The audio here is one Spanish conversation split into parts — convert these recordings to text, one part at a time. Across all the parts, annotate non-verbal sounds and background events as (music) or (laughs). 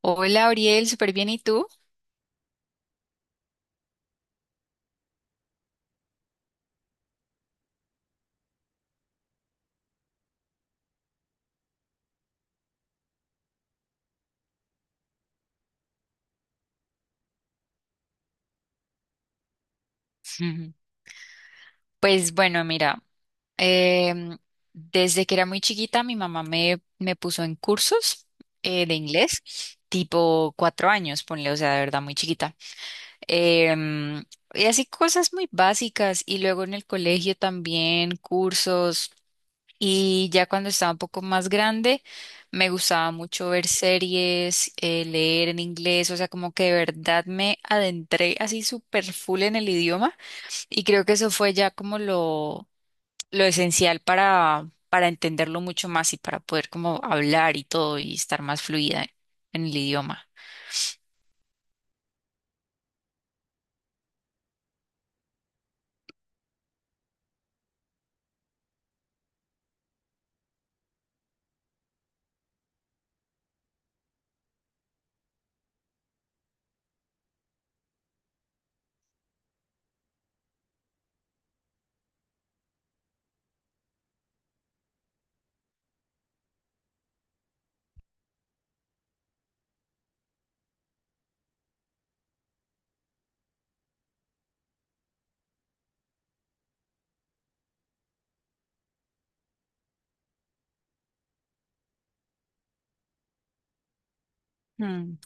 Hola, Ariel, súper bien, ¿y tú? Ujú. Pues bueno, mira, em, desde que era muy chiquita mi mamá me puso en cursos de inglés, tipo 4 años, ponle, o sea, de verdad muy chiquita. Em, y así cosas muy básicas y luego en el colegio también cursos y ya cuando estaba un poco más grande me gustaba mucho ver series, leer en inglés, o sea, como que de verdad me adentré así súper full en el idioma. Y creo que eso fue ya como lo esencial para entenderlo mucho más y para poder como hablar y todo y estar más fluida en el idioma. Mm.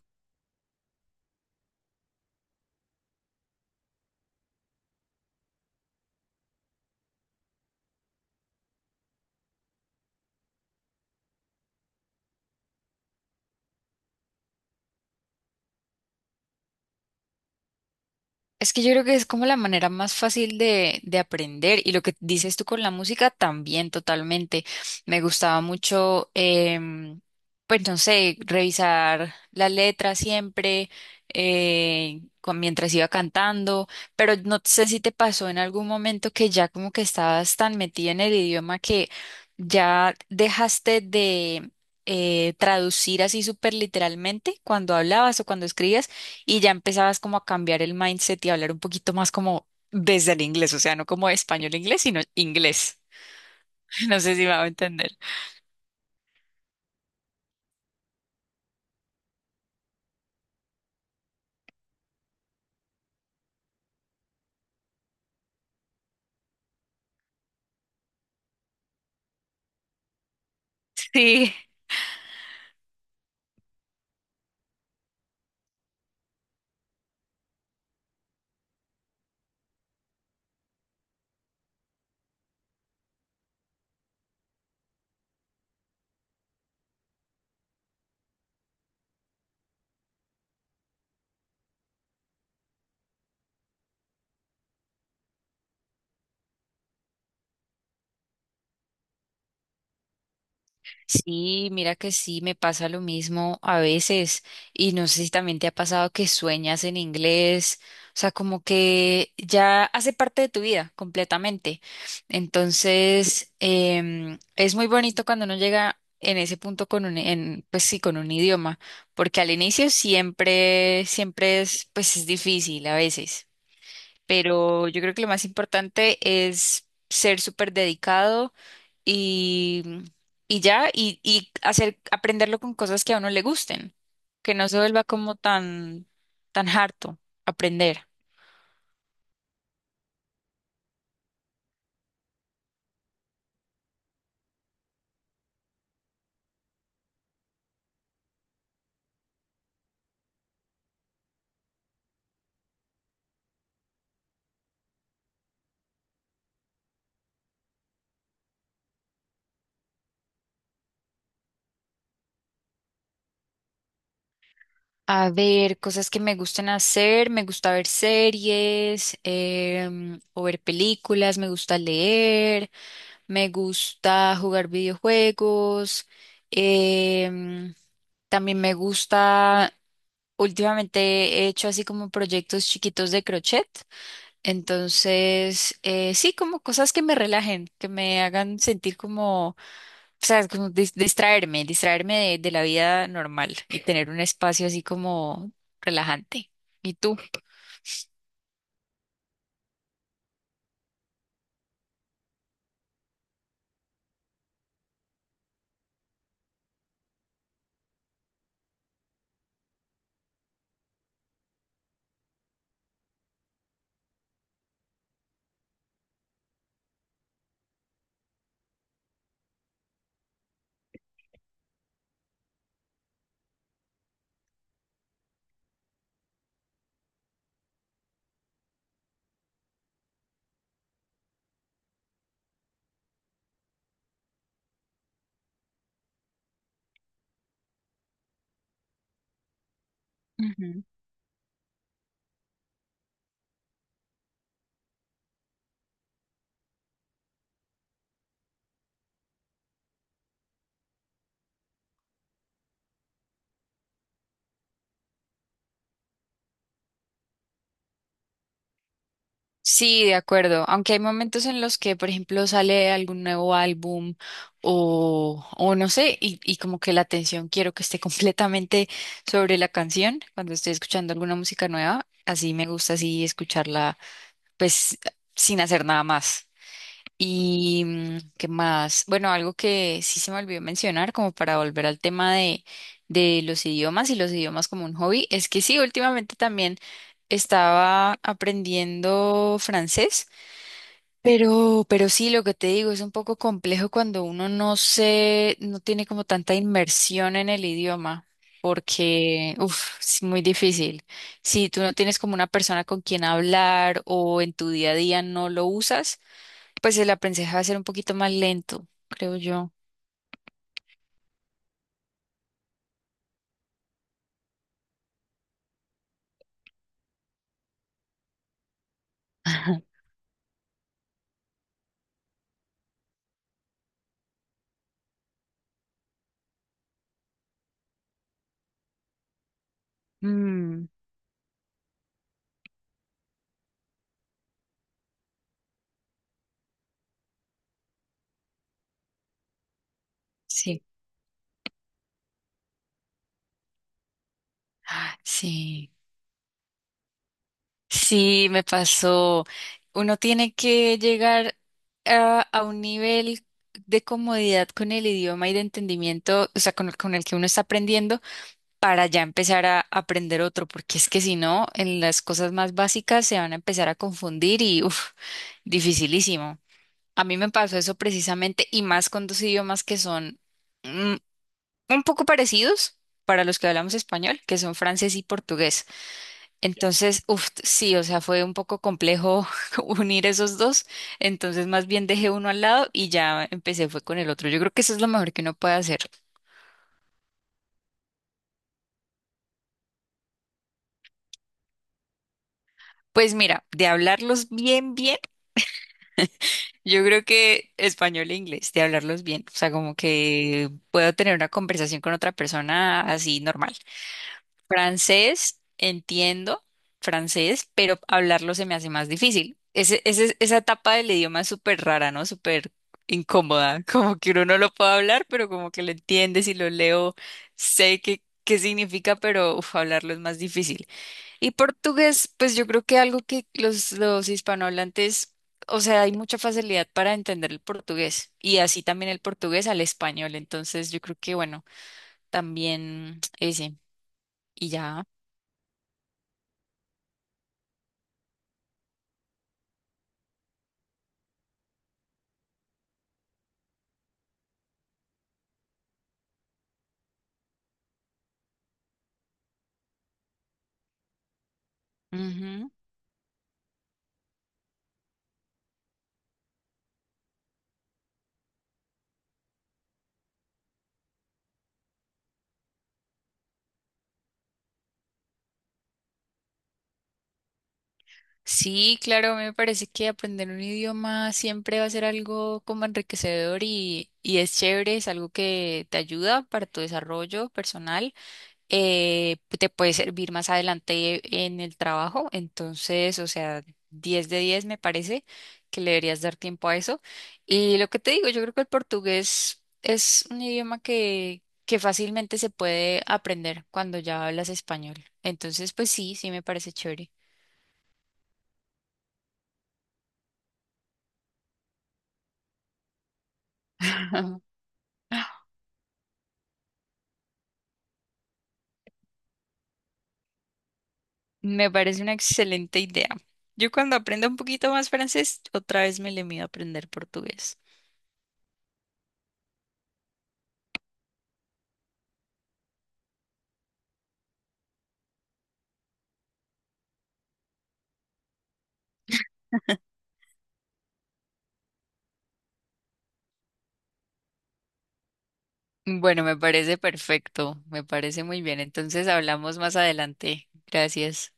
Es que yo creo que es como la manera más fácil de aprender y lo que dices tú con la música también totalmente. Me gustaba mucho, pues no sé, revisar la letra siempre mientras iba cantando, pero no sé si te pasó en algún momento que ya como que estabas tan metida en el idioma que ya dejaste de traducir así súper literalmente cuando hablabas o cuando escribías y ya empezabas como a cambiar el mindset y a hablar un poquito más como desde el inglés, o sea, no como español-inglés, sino inglés. (laughs) No sé si me va a entender. Sí. Sí, mira que sí, me pasa lo mismo a veces y no sé si también te ha pasado que sueñas en inglés, o sea, como que ya hace parte de tu vida completamente. Entonces, es muy bonito cuando uno llega en ese punto con un, en, pues sí, con un idioma, porque al inicio siempre es, pues es difícil a veces, pero yo creo que lo más importante es ser súper dedicado y, y ya, y hacer, aprenderlo con cosas que a uno le gusten, que no se vuelva como tan, tan harto aprender. A ver, cosas que me gusten hacer, me gusta ver series, o ver películas, me gusta leer, me gusta jugar videojuegos, em, también me gusta, últimamente he hecho así como proyectos chiquitos de crochet. Entonces, sí, como cosas que me relajen, que me hagan sentir como, o sea, como dis- distraerme, distraerme de la vida normal y tener un espacio así como relajante. ¿Y tú? Sí, de acuerdo. Aunque hay momentos en los que, por ejemplo, sale algún nuevo álbum o no sé, y como que la atención quiero que esté (laughs) completamente sobre la canción cuando estoy escuchando alguna música nueva. Así me gusta así escucharla, pues, sin hacer nada más. Y mm, qué más, bueno, algo que sí se me olvidó mencionar, como para volver al tema de los idiomas y los idiomas como un hobby, es que sí, últimamente también estaba aprendiendo francés. Pero sí, lo que te digo es un poco complejo cuando uno no se, no tiene como tanta inmersión en el idioma, porque, uff, es muy difícil. Si tú no tienes como una persona con quien hablar o en tu día a día no lo usas, pues el aprendizaje va a ser un poquito más lento, creo yo. (laughs) Mm, sí, sí. Sí, me pasó. Uno tiene que llegar a un nivel de comodidad con el idioma y de entendimiento, o sea, con el que uno está aprendiendo, para ya empezar a aprender otro, porque es que si no, en las cosas más básicas se van a empezar a confundir y, uff, dificilísimo. A mí me pasó eso precisamente, y más con dos idiomas que son mm, un poco parecidos para los que hablamos español, que son francés y portugués. Entonces, uff, sí, o sea, fue un poco complejo (laughs) unir esos dos. Entonces, más bien dejé uno al lado y ya empecé fue con el otro. Yo creo que eso es lo mejor que uno puede hacer. Pues mira, de hablarlos bien, bien, yo creo que español e inglés, de hablarlos bien. O sea, como que puedo tener una conversación con otra persona así normal. Francés, entiendo francés, pero hablarlo se me hace más difícil. Esa etapa del idioma es súper rara, ¿no? Súper incómoda, (laughs) como que uno no lo puede hablar, pero como que lo entiendes y lo leo, sé qué, qué significa, pero uf, hablarlo es más difícil. Y portugués, pues yo creo que algo que los hispanohablantes, o sea, hay mucha facilidad para entender el portugués y así también el portugués al español, entonces yo creo que bueno, también ese y ya. Ujú. Sí, claro, me parece que aprender un idioma siempre va a ser algo como enriquecedor y es chévere, es algo que te ayuda para tu desarrollo personal, te puede servir más adelante en el trabajo, entonces, o sea, 10 de 10 me parece que le deberías dar tiempo a eso. Y lo que te digo, yo creo que el portugués es un idioma que fácilmente se puede aprender cuando ya hablas español, entonces, pues sí, sí me parece chévere. (laughs) Me parece una excelente idea. Yo cuando aprenda un poquito más francés, otra vez me le mido a aprender portugués. (laughs) Bueno, me parece perfecto, me parece muy bien. Entonces hablamos más adelante. Gracias.